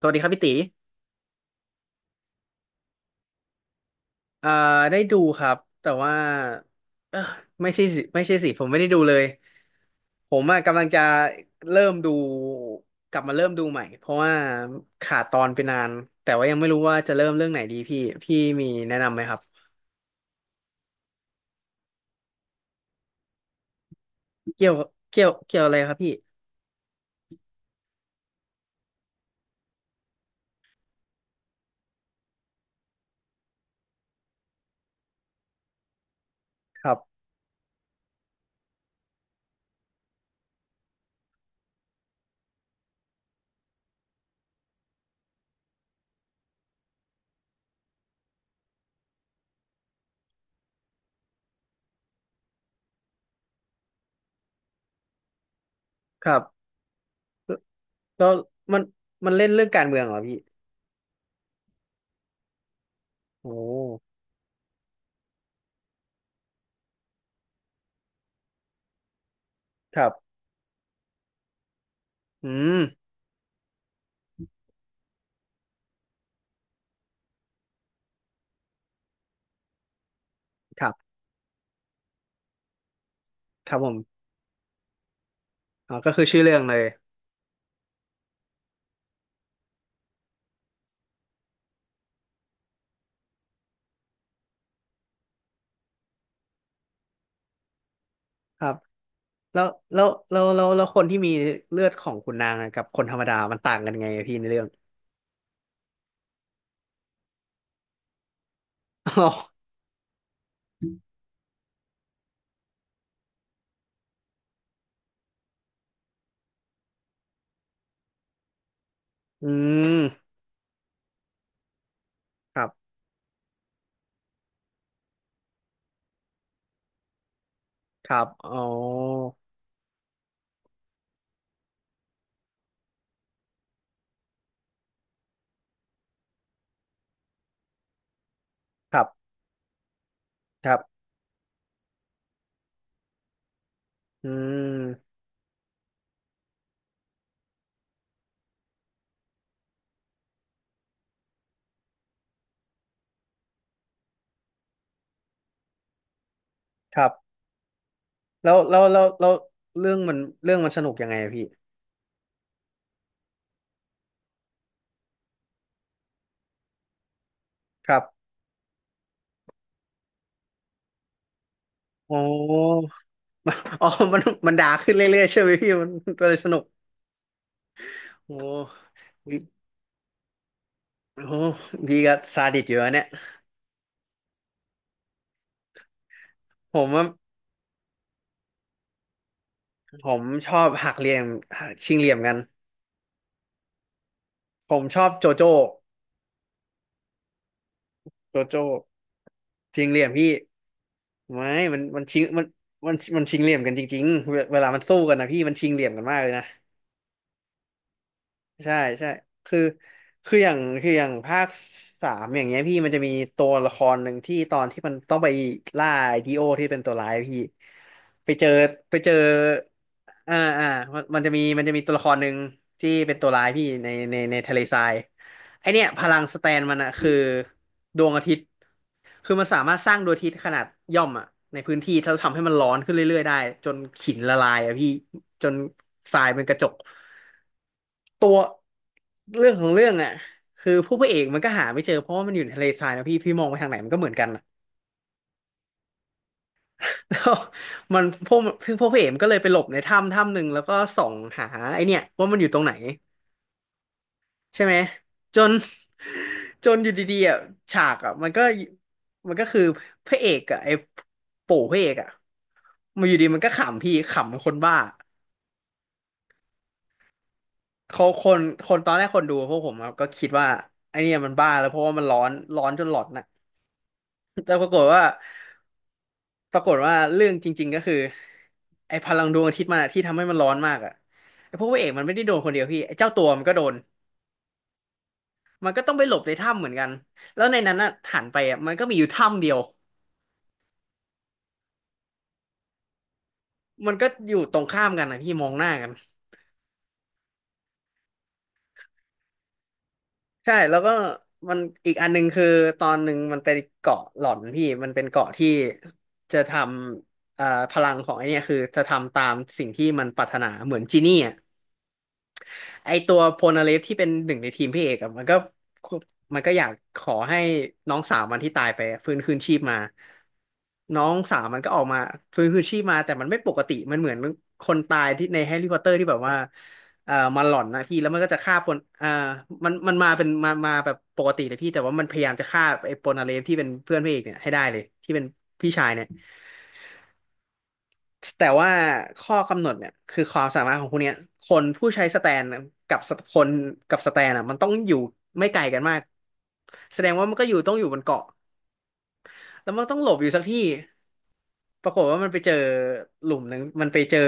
สวัสดีครับพี่ตีเอ่อได้ดูครับแต่ว่าเออไม่ใช่สิผมไม่ได้ดูเลยผมอะกำลังจะเริ่มดูกลับมาเริ่มดูใหม่เพราะว่าขาดตอนไปนานแต่ว่ายังไม่รู้ว่าจะเริ่มเรื่องไหนดีพี่พี่มีแนะนำไหมครับเกี่ยวเกี่ยวเกี่ยวอะไรครับพี่ครับครับแล้วมันมันเล่นเรื่องการเมืองเหรอพี่โอ้ครับอืมครับครับผมอ๋อก็คือชื่อเรื่องเลยครับ แล้วแล้วคนที่มีเลือดของขุนนางอะกับคนธรรมดามันต่างกันไงอะพี่ในเรื่องอ๋อ อืมครับครับอ๋อครับครับอืมครับแล้วเรื่องมันเรื่องมันสนุกยังไงอะพี่ครับอ๋อมัน อ๋อมันมันด่าขึ้นเรื่อยๆใช่ไหมพี่มันก็เลยสนุกโอ้อุโอ้พี่ก็ซาดิสอยู่นะเนี่ยผมว่าผมชอบหักเหลี่ยมหักชิงเหลี่ยมกันผมชอบโจโจ้โจโจ้ ชิงเหลี่ยมพี่ไม่มันมันชิงเหลี่ยมกันจริงๆเวลามันสู้กันนะพี่มันชิงเหลี่ยมกันมากเลยนะ ใช่ใช่คือคืออย่างภาคสามอย่างเงี้ยพี่มันจะมีตัวละครหนึ่งที่ตอนที่มันต้องไปล่าไอดีโอที่เป็นตัวร้ายพี่ไปเจอไปเจออ่าอ่ามันจะมีตัวละครหนึ่งที่เป็นตัวร้ายพี่ในทะเลทรายไอเนี่ยพลังสแตนมันอะคือดวงอาทิตย์คือมันสามารถสร้างดวงอาทิตย์ขนาดย่อมอะในพื้นที่ถ้าทำให้มันร้อนขึ้นเรื่อยๆได้จนขินละลายอะพี่ จนทรายเป็นกระจกตัวเรื่องของเรื่องอ่ะคือผู้พระเอกมันก็หาไม่เจอเพราะว่ามันอยู่ในทะเลทรายนะพี่พี่มองไปทางไหนมันก็เหมือนกันอะ แล้วมันพวกพี่พวกพระเอกมันก็เลยไปหลบในถ้ำถ้ำหนึ่งแล้วก็ส่องหาไอเนี่ยว่ามันอยู่ตรงไหนใช่ไหมจนจนอยู่ดีๆอ่ะฉากอ่ะมันก็มันก็คือพระเอกอ่ะไอ้ปู่พระเอกอ่ะมาอยู่ดีมันก็ขำพี่ขำคนบ้า เขาคนตอนแรกคนดูพวกผมครับก็คิดว่าไอเนี่ยมันบ้าแล้วเพราะว่ามันร้อนจนหลอดน่ะ แต่ปรากฏว่าเรื่องจริงๆก็คือไอพลังดวงอาทิตย์มันอะที่ทำให้มันร้อนมากอะไอพวกพระเอกมันไม่ได้โดนคนเดียวพี่ไอเจ้าตัวมันก็โดนมันก็ต้องไปหลบในถ้ำเหมือนกันแล้วในนั้นน่ะหันไปอะมันก็มีอยู่ถ้ำเดียวมันก็อยู่ตรงข้ามกันนะพี่มองหน้ากัน ใช่แล้วก็มันอีกอันหนึ่งคือตอนหนึ่งมันเป็นเกาะหลอนพี่มันเป็นเกาะที่จะทำพลังของไอเนี่ยคือจะทำตามสิ่งที่มันปรารถนาเหมือนจีนี่อะ ไอตัวโพนาเลฟที่เป็นหนึ่งในทีมพี่เอกอะมันก็อยากขอให้น้องสาวมันที่ตายไปฟื้นคืนชีพมาน้องสาวมันก็ออกมาฟื้นคืนชีพมาแต่มันไม่ปกติมันเหมือนคนตายที่ในแฮร์รี่พอตเตอร์ที่แบบว่ามันหลอนนะพี่แล้วมันก็จะฆ่าคนอ่ามันมาแบบปกติเลยพี่แต่ว่ามันพยายามจะฆ่าไอ้โพนาเลฟที่เป็นเพื่อนพี่เอกเนี่ยให้ได้เลยที่เป็นพี่ชายเนี่ย แต่ว่าข้อกำหนดเนี่ยคือความสามารถของพวกเนี้ยคนผู้ใช้สแตนกับสคนกับสแตนอ่ะมันต้องอยู่ไม่ไกลกันมากแสดงว่ามันก็อยู่ต้องอยู่บนเกาะแล้วมันต้องหลบอยู่สักที่ ปรากฏว่ามันไปเจอหลุมหนึ่งมันไปเจอ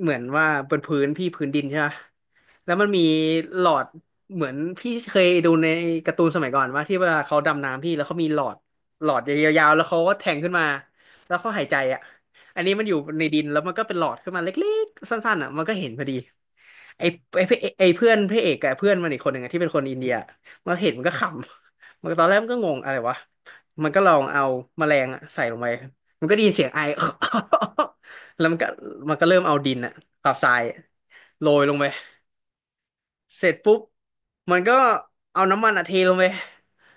เหมือนว่าบนพื้นพี่พื้นดินใช่ปะแล้วมันมีหลอดเหมือนพี่เคยดูในการ์ตูนสมัยก่อนว่าที่เวลาเขาดำน้ำพี่แล้วเขามีหลอดหลอดยาวๆแล้วเขาก็แทงขึ้นมาแล้วเขาหายใจอ่ะอันนี้มันอยู่ในดินแล้วมันก็เป็นหลอดขึ้นมาเล็กๆสั้นๆอ่ะมันก็เห็นพอดีไอ้ไอ้พระเอไอ้เพื่อนพระเอกกับเพื่อนมันอีกคนหนึ่งอะที่เป็นคนอินเดียมันเห็นมันก็ขำมันตอนแรกมันก็งงอะไรวะมันก็ลองเอาแมลงอะใส่ลงไป มันก็ได้ยินเสียงไอ แล้วมันก็เริ่มเอาดินอะกับทรายอะโรยลงไปเสร็จปุ๊บมันก็เอาน้ำมันอะเทลงไป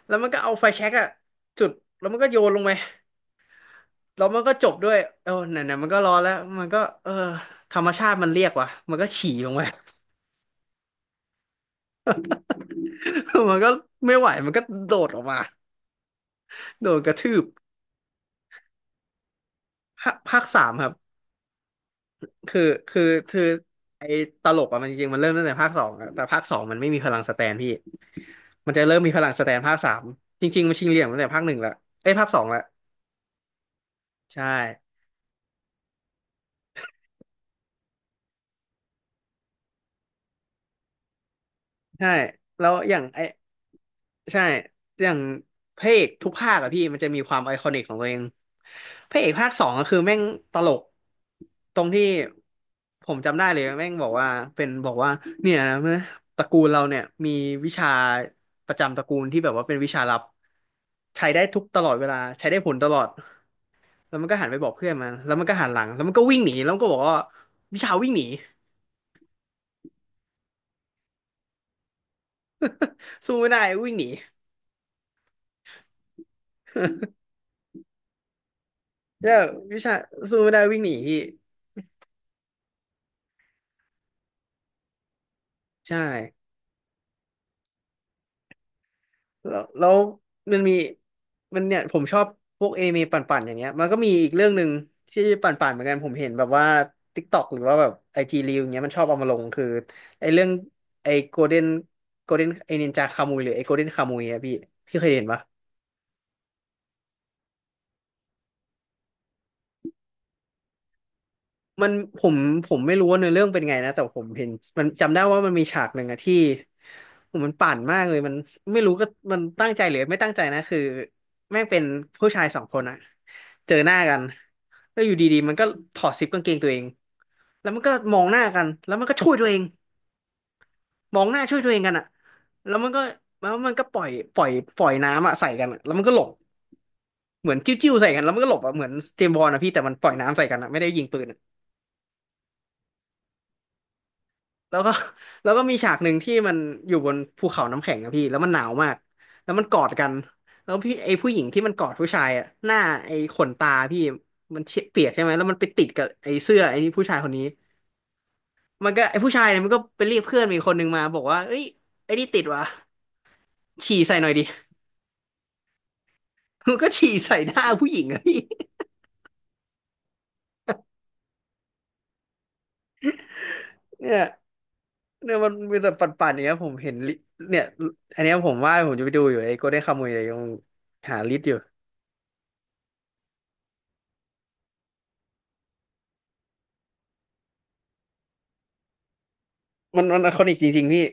แล้วมันก็เอาไฟแช็กอะจุดแล้วมันก็โยนลงไปแล้วมันก็จบด้วยเออไหนๆมันก็ร้อนแล้วมันก็เออธรรมชาติมันเรียกว่ะมันก็ฉี่ลงไป มันก็ไม่ไหวมันก็โดดออกมาโดนกระทืบภาคสามครับคือคือคือไอ้ตลกอะมันจริงๆมันเริ่มตั้งแต่ภาคสองอะแต่ภาคสองมันไม่มีพลังสแตนพี่ มันจะเริ่มมีพลังสแตนภาคสามจริงๆมันชิงเหลี่ยมตั้งแต่ภาคหนึ่งละเอ้ยภาคสองละใช่ใช่แล้วอย่างไอใช่อย่างพระเอกทุกภาคอะพี่มันจะมีความไอคอนิกของตัวเองพระเอกภาคสองก็คือแม่งตลกตรงที่ผมจำได้เลยแม่งบอกว่าเป็นบอกว่าเนี่ยนะตระกูลเราเนี่ยมีวิชาประจำตระกูลที่แบบว่าเป็นวิชาลับใช้ได้ทุกตลอดเวลาใช้ได้ผลตลอด แล้วมันก็หันไปบอกเพื่อนมันแล้วมันก็หันหลังแล้วมันก็วิ่งหนีแล้วมันก็บอกว่าวิชาวิ่งหนีสู้ไม่ได้วิ่งหนี เน้่ยวิชาสู้ไม่ได้วิ่งหนีพี่ใช่แล้วมันมีมันเนี่ยผมชอบพวกเอนิเมะปั่นๆอย่างเงี้ยมันก็มีอีกเรื่องหนึ่งที่ปั่นๆเหมือนกันผมเห็นแบบว่า TikTok หรือว่าแบบไอจีรีวอย่างเงี้ยมันชอบเอามาลงคือไอเรื่องไอโกลเด้นโกลเด้นไอนินจาคามุยหรือไอโกลเด้นคามุยอะพี่พี่เคยเห็นปะ มันผมผมไม่รู้ว่าเนื้อเรื่องเป็นไงนะแต่ผมเห็นมันจำได้ว่ามันมีฉากหนึ่งอะที่ผมมันปั่นมากเลยมันไม่รู้ก็มันตั้งใจหรือไม่ตั้งใจนะคือแม่งเป็นผู้ชายสองคนอะเจอหน้ากันแล้วอยู่ดีๆมันก็ถอดซิปกางเกงตัวเองแล้วมันก็มองหน้ากันแล้วมันก็ช่วยตัวเองมองหน้าช่วยตัวเองกันอะแล้วมันก็แล้วมันก็ปล่อยปล่อยน้ำอะใส่กันอะแล้วมันก็หลบเหมือนจิ้วๆใส่กันแล้วมันก็หลบอะเหมือนเจมส์บอนด์อะพี่แต่มันปล่อยน้ำใส่กันอะไม่ได้ยิงปืนอะ แล้วก็ แล้วก็มีฉากหนึ่งที่มันอยู่บนภูเขาน้ำแข็งอะพี่แล้วมันหนาวมากแล้วมันกอดกันแล้วพี่ไอ้ผู้หญิงที่มันกอดผู้ชายอะหน้าไอ้ขนตาพี่มันเชเปียกใช่ไหมแล้วมันไปติดกับไอ้เสื้อไอ้นี่ผู้ชายคนนี้มันก็ไอ้ผู้ชายเนี่ยมันก็ไปเรียกเพื่อนมีคนหนึ่งมาบอกว่าเอ้ยไอ้นี่ติดวะฉี่ใส่หน่อยดิ มันก็ฉี่ใส่หน้าผู้หญิงอะพี่ เนี่ยเนี่ยมันมีแต่ปั่นๆอย่างเงี้ยผมเห็นลิเนี่ยอันเนี้ยผมว่าผมจะไปดูอยู่ไอ้โกลเด้นคามุยเลยยังหาลิสต์อยู่มันไอคอนิกจริงๆพี่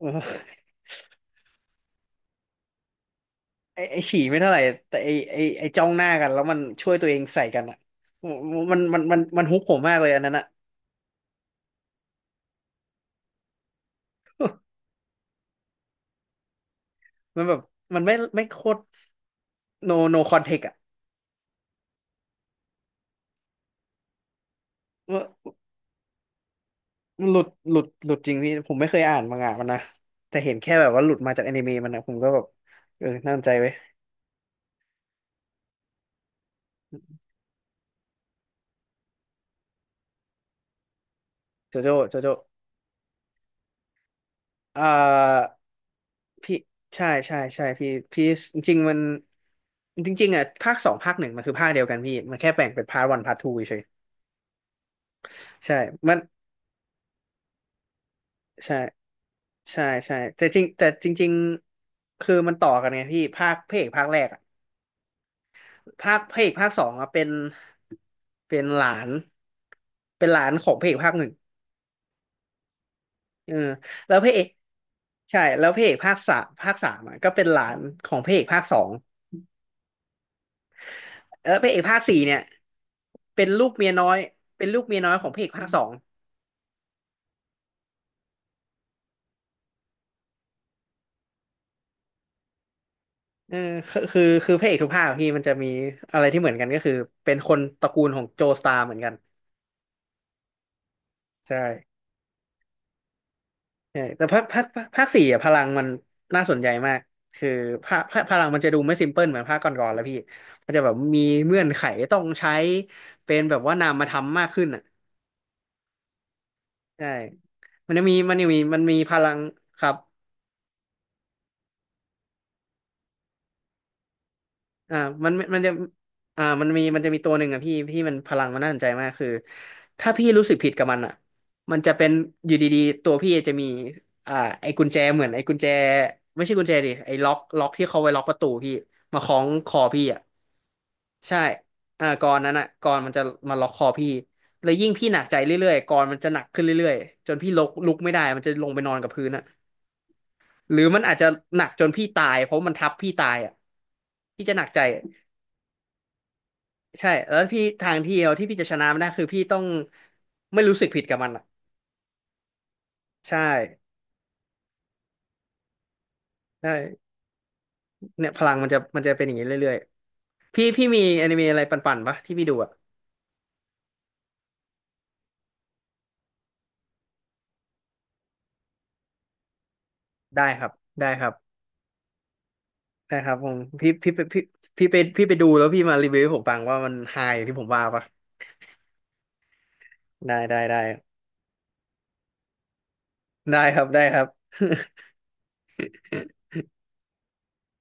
ไอ้ฉี่ไม่เท่าไหร่แต่ไอ้จ้องหน้ากันแล้วมันช่วยตัวเองใส่กันอ่ะมันฮุกผมมากเลยอันนั้นอ่ะ มันแบบมันไม่โคตร no no context อ่ะว่ามันหลุดจริงพี่ผมไม่เคยอ่านมังงะมันนะแต่เห็นแค่แบบว่าหลุดมาจากอนิเมะมันนะผมก็แบบเออน่าสนใจไว้ยโจโจ้อ่าพี่ใช่พี่จริงๆมันจริงๆอ่ะภาคสองภาคหนึ่งมันคือภาคเดียวกันพี่มันแค่แบ่งเป็นพาร์ทวันพาร์ททูเฉยๆใช่มันใช่ ใช่แต่จริงๆคือมันต่อกันไงพี่ภาคพระเอกภาคแรกอะภาคพระเอกภาคสองอะเป็นหลานเป็นหลานของพระเอกภาคหนึ่งเออแล้วพระเอกใช่แล้วพระเอกภาคสามอะก็เป็นหลานของพระเอกภาคสองแล้วพระเอกภาคสี่เนี่ยเป็นลูกเมียน้อยเป็นลูกเมียน้อยของพระเอกภาคสองเออคือพระเอกทุกภาคอะพี่มันจะมีอะไรที่เหมือนกันก็คือเป็นคนตระกูลของโจสตาร์เหมือนกันใช่ แต่ภาคสี่อะพลังมันน่าสนใจมากคือภาคพลังมันจะดูไม่ซิมเพิลเหมือนภาคก่อนๆแล้วพี่มันจะแบบมีเงื่อนไขต้องใช้เป็นแบบว่านามธรรมมากขึ้นอ่ะใช่มันมีพลังครับ อ่ามันมันจะมันมีมันจะมีตัวหนึ่งอ่ะพี่ที่มันพลังมันน่าสนใจมากคือถ้าพี่รู้สึกผิดกับมันอ่ะมันจะเป็นอยู่ดีๆตัวพี่จะมีอ่าไอ้กุญแจเหมือนไอ้กุญแจไม่ใช่กุญแจดิไอ้ล็อกที่เขาไว้ล็อกประตูพี่มาคล้องคอพี่อ่ะใช่อ่ากรอนนั้นอ่ะกรอนมันจะมาล็อกคอพี่แล้วยิ่งพี่หนักใจเรื่อยๆกรอนมันจะหนักขึ้นเรื่อยๆจนพี่ลุกไม่ได้มันจะลงไปนอนกับพื้นอ่ะหรือมันอาจจะหนักจนพี่ตายเพราะมันทับพี่ตายอ่ะพี่จะหนักใจ ใช่แล้วพี่ทางเดียวที่พี่จะชนะมันได้คือพี่ต้องไม่รู้สึกผิดกับมันอ่ะใช่ใช่เนี่ยพลังมันจะจะเป็นอย่างนี้เรื่อยๆพี่พี่มีอนิเมะอะไรปั่นๆปะที่พี่ดูอ่ะได้ครับได้ครับได้ครับผมพี่ไปดูแล้วพี่มารีวิวให้ผมฟังว่ามันไฮอย่างที่ผมว่าปะได้ได้ครับ